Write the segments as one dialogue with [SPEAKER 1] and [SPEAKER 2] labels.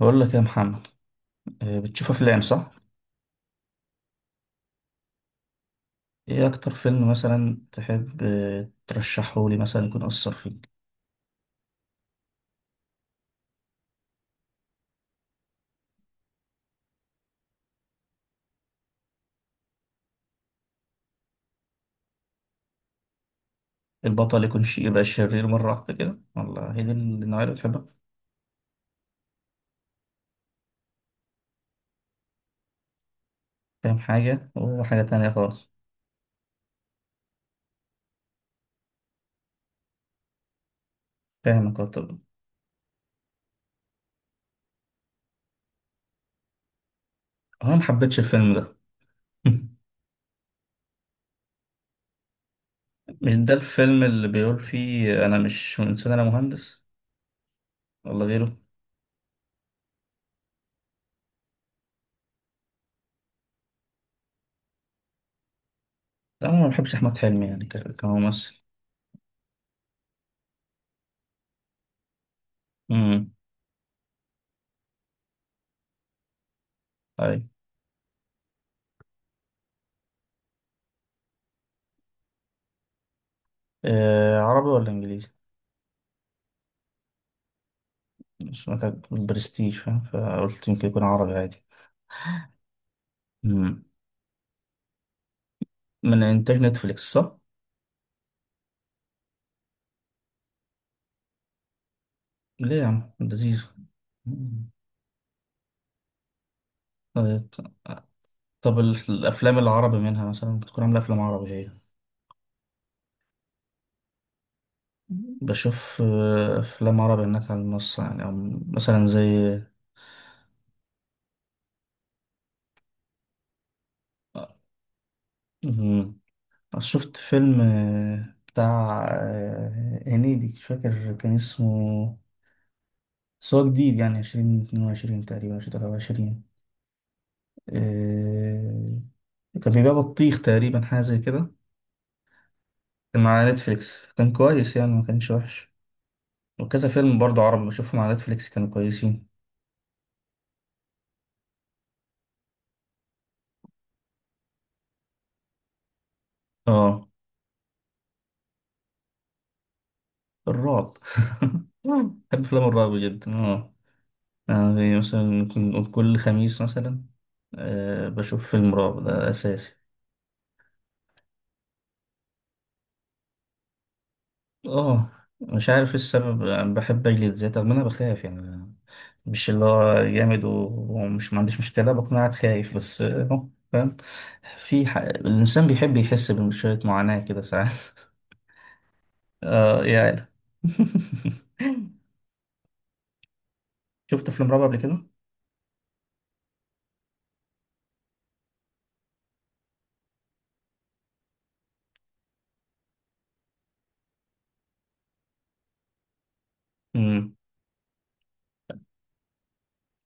[SPEAKER 1] بقول لك يا محمد. بتشوف افلام، صح؟ ايه اكتر فيلم مثلا تحب ترشحه لي، مثلا يكون اثر فيك؟ البطل يكون شيء يبقى شرير مره واحده كده، والله هي دي النوعيه اللي بتحبها؟ فاهم حاجه وحاجه تانية خالص. فاهمك. طب. انا ما حبيتش الفيلم ده. مش ده الفيلم اللي بيقول فيه انا مش انسان، انا مهندس؟ ولا غيره؟ لا، انا ما بحبش احمد حلمي يعني كممثل. امم. طيب. عربي ولا انجليزي؟ سمعتك برستيج، فاهم؟ فقلت يمكن يكون عربي عادي. مم. من إنتاج نتفليكس، صح؟ ليه يا عم؟ لذيذ. مم. طيب. طب الأفلام العربي منها مثلا بتكون عاملة أفلام عربي هي؟ مم. بشوف أفلام عربي هناك على المنصة يعني، أو مثلا زي. مم. شفت فيلم بتاع هنيدي، مش فاكر كان اسمه. بس هو جديد، يعني 2022 تقريبا، 2023. آه، كان بيبيع بطيخ تقريبا، حاجة زي كده. كان على نتفليكس، كان كويس يعني، ما كانش وحش. وكذا فيلم برضه عربي بشوفهم على نتفليكس، كانوا كويسين. اه. الرعب. بحب افلام الرعب جدا، اه. يعني زي مثلا، ممكن نقول كل خميس مثلا. أه، بشوف فيلم رعب، ده اساسي. اه. مش عارف ايه السبب، أنا بحب اجلد ذاتي رغم إن انا بخاف يعني. مش اللي هو جامد ومش، ما عنديش مشكله بكون قاعد خايف بس فاهم. في الانسان بيحب يحس بشويه معاناه كده ساعات. آه يا عيلة! شفت أفلام رعب قبل كده؟ مم.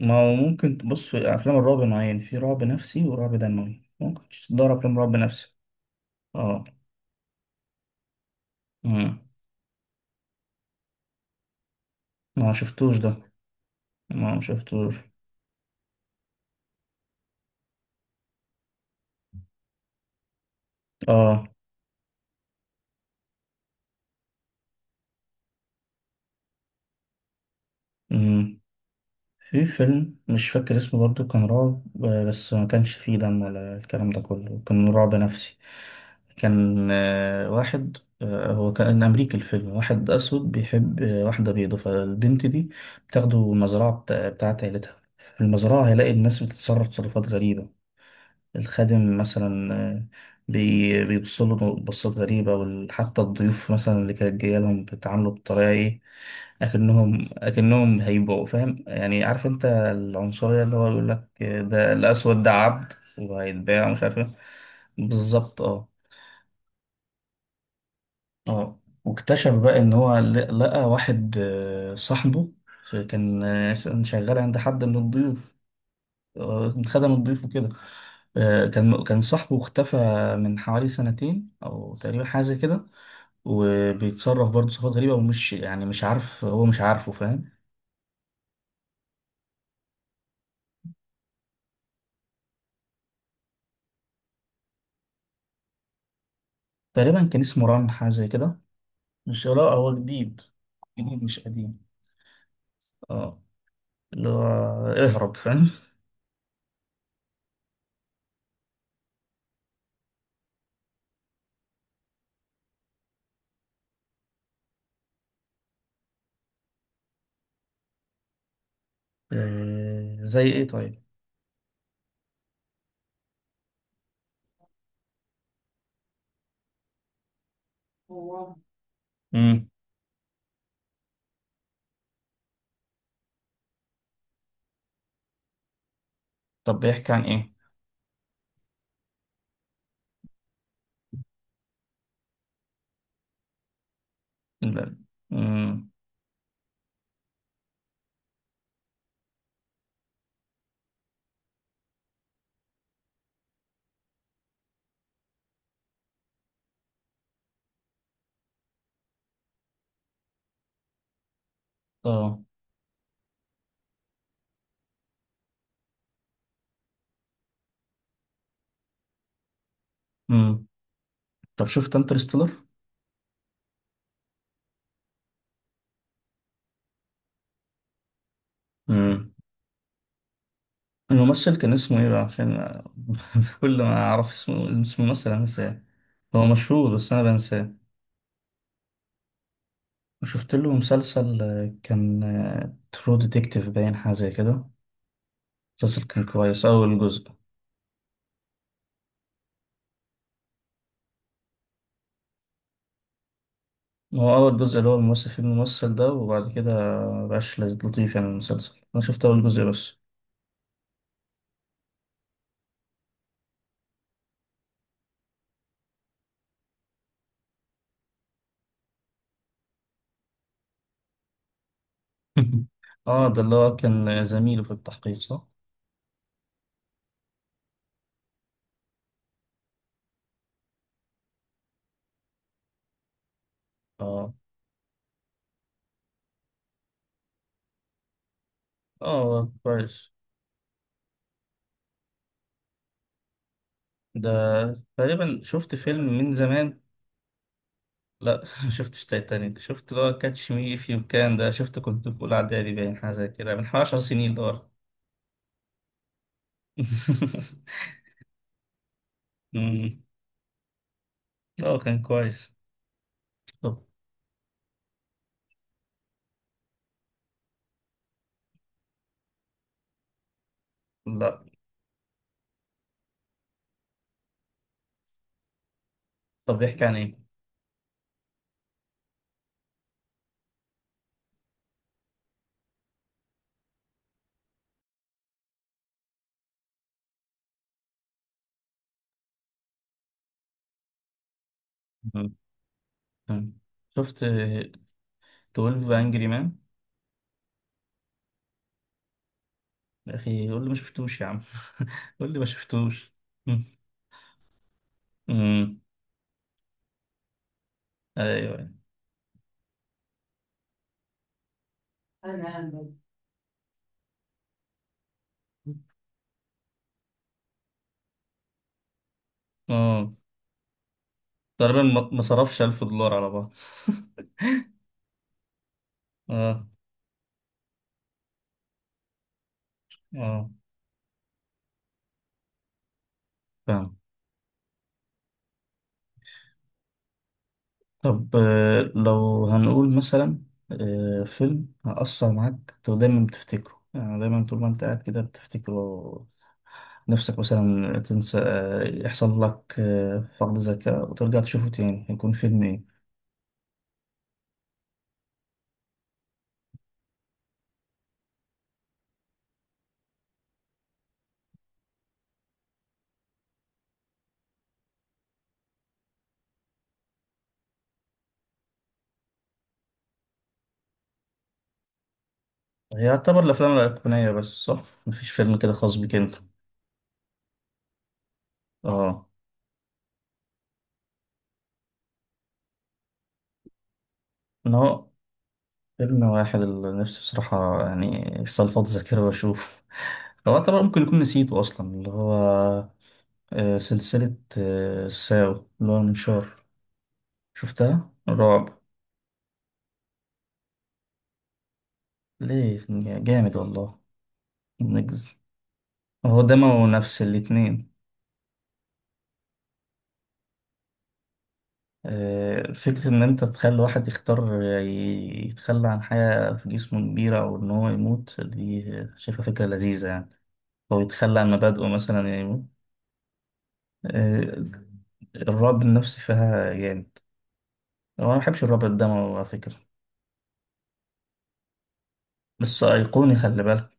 [SPEAKER 1] ما هو ممكل تبص في أفلام الرعب نوعين، في رعب نفسي ورعب دموي، ممكن تدور أفلام رعب نفسي. اه. مم. ما شفتوش ده. ما شفتوش. اه. مم. في فيلم مش فاكر اسمه برضو، كان رعب، بس ما كانش فيه دم ولا الكلام ده كله، كان رعب نفسي. كان واحد، هو كان أمريكي الفيلم، واحد أسود بيحب واحدة بيضة، فالبنت دي بتاخده المزرعة بتاعت عيلتها، في المزرعة هيلاقي الناس بتتصرف تصرفات غريبة. الخادم مثلا، بيبص له بصات غريبة، وحتى الضيوف مثلا اللي كانت جاية لهم بيتعاملوا بطريقة إيه. أكنهم هيبقوا، فاهم يعني؟ عارف أنت العنصرية، اللي هو يقول لك ده الأسود ده عبد وهيتباع، ومش عارف إيه. بالظبط، أه. أه، واكتشف بقى إن هو لقى واحد صاحبه. كان شغال عند حد من الضيوف. خدم الضيف وكده. كان صاحبه اختفى، من حوالي سنتين او تقريبا، حاجه زي كده. وبيتصرف برضه صفات غريبه، ومش يعني، مش عارف هو، مش عارفه، فاهم. تقريبا كان اسمه ران، حاجه زي كده. مش، لا، هو جديد. جديد مش قديم. اه، اللي هو اهرب، فاهم. زي ايه؟ طيب امم. طب بيحكي عن ايه؟ لا. امم. اه. امم. طب شفت انترستيلر؟ الممثل كان اسمه ايه بقى؟ عشان كل ما اعرف اسمه، اسم الممثل، انساه. هو مشهور بس انا بنساه. شفت له مسلسل كان ترو ديتكتيف، باين حاجه زي كده. المسلسل كان كويس، اول جزء. هو اول جزء اللي هو الممثل فيه، الممثل ده، وبعد كده مبقاش لطيف يعني المسلسل، انا شفت اول جزء بس. اه، ده اللي هو كان زميله في التحقيق، صح؟ اه. اه، كويس. ده تقريبا، شفت فيلم من زمان. لا. ما شفتش تايتانيك، شفت اللي هو كاتش مي اف يو، كان ده شفته كنت في اولى اعدادي، باين حاجه زي كده، من حوالي 10 سنين، اللي هو. أمم. اه، كان كويس. طب. لا. طب بيحكي عن ايه؟ أمم. أمم. شفت 12 انجري مان؟ يا اخي قول لي ما شفتوش يا عم! قول لي ما شفتوش. أمم. أمم. ايوه. اه تقريبا ما صرفش 1000 دولار على بعض. اه. اه، فاهم. طب لو هنقول مثلا فيلم هأثر معاك أنت دايما بتفتكره، يعني دايما طول ما أنت قاعد كده بتفتكره، نفسك مثلا تنسى، يحصل لك فقد ذاكرة، وترجع تشوفه تاني، هيكون فيلم إيه؟ يعتبر الأفلام الأيقونية بس، صح؟ مفيش فيلم كده خاص بيك أنت؟ آه. إن هو فيلم واحد اللي نفسي بصراحة يعني، يحصل فقد ذاكرة وأشوفه. هو طبعا ممكن يكون نسيته أصلا، اللي هو سلسلة ساو، اللي هو المنشار. شفتها رعب. ليه؟ جامد والله. نجز، هو دموي نفس الاتنين. فكرة إن أنت تخلي واحد يختار يتخلى عن حاجة في جسمه كبيرة، أو إن هو يموت، دي شايفها فكرة لذيذة يعني. أو يتخلى عن مبادئه مثلا يموت. آه، الرعب النفسي فيها جامد. هو أنا مبحبش الرعب الدموي على فكرة. بس أيقوني، خلي بالك.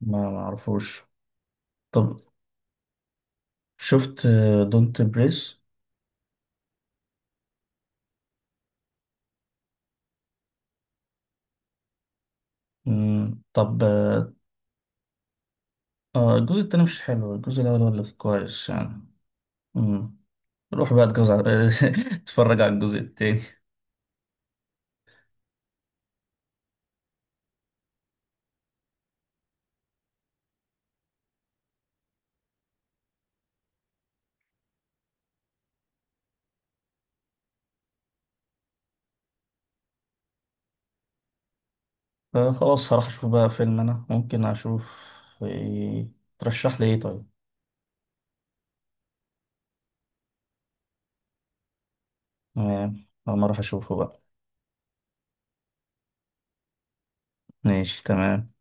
[SPEAKER 1] ما معرفوش. طب شفت دونت بريس؟ طب. الجزء التاني مش حلو، الجزء الأول هو اللي كويس يعني. مم. روح بقى اتجوز على اتفرج على الجزء التاني. آه، خلاص هروح أشوف بقى فيلم، أنا ممكن أشوف إيه. ترشح لي إيه طيب؟ تمام، أما أروح أشوفه بقى. ماشي تمام.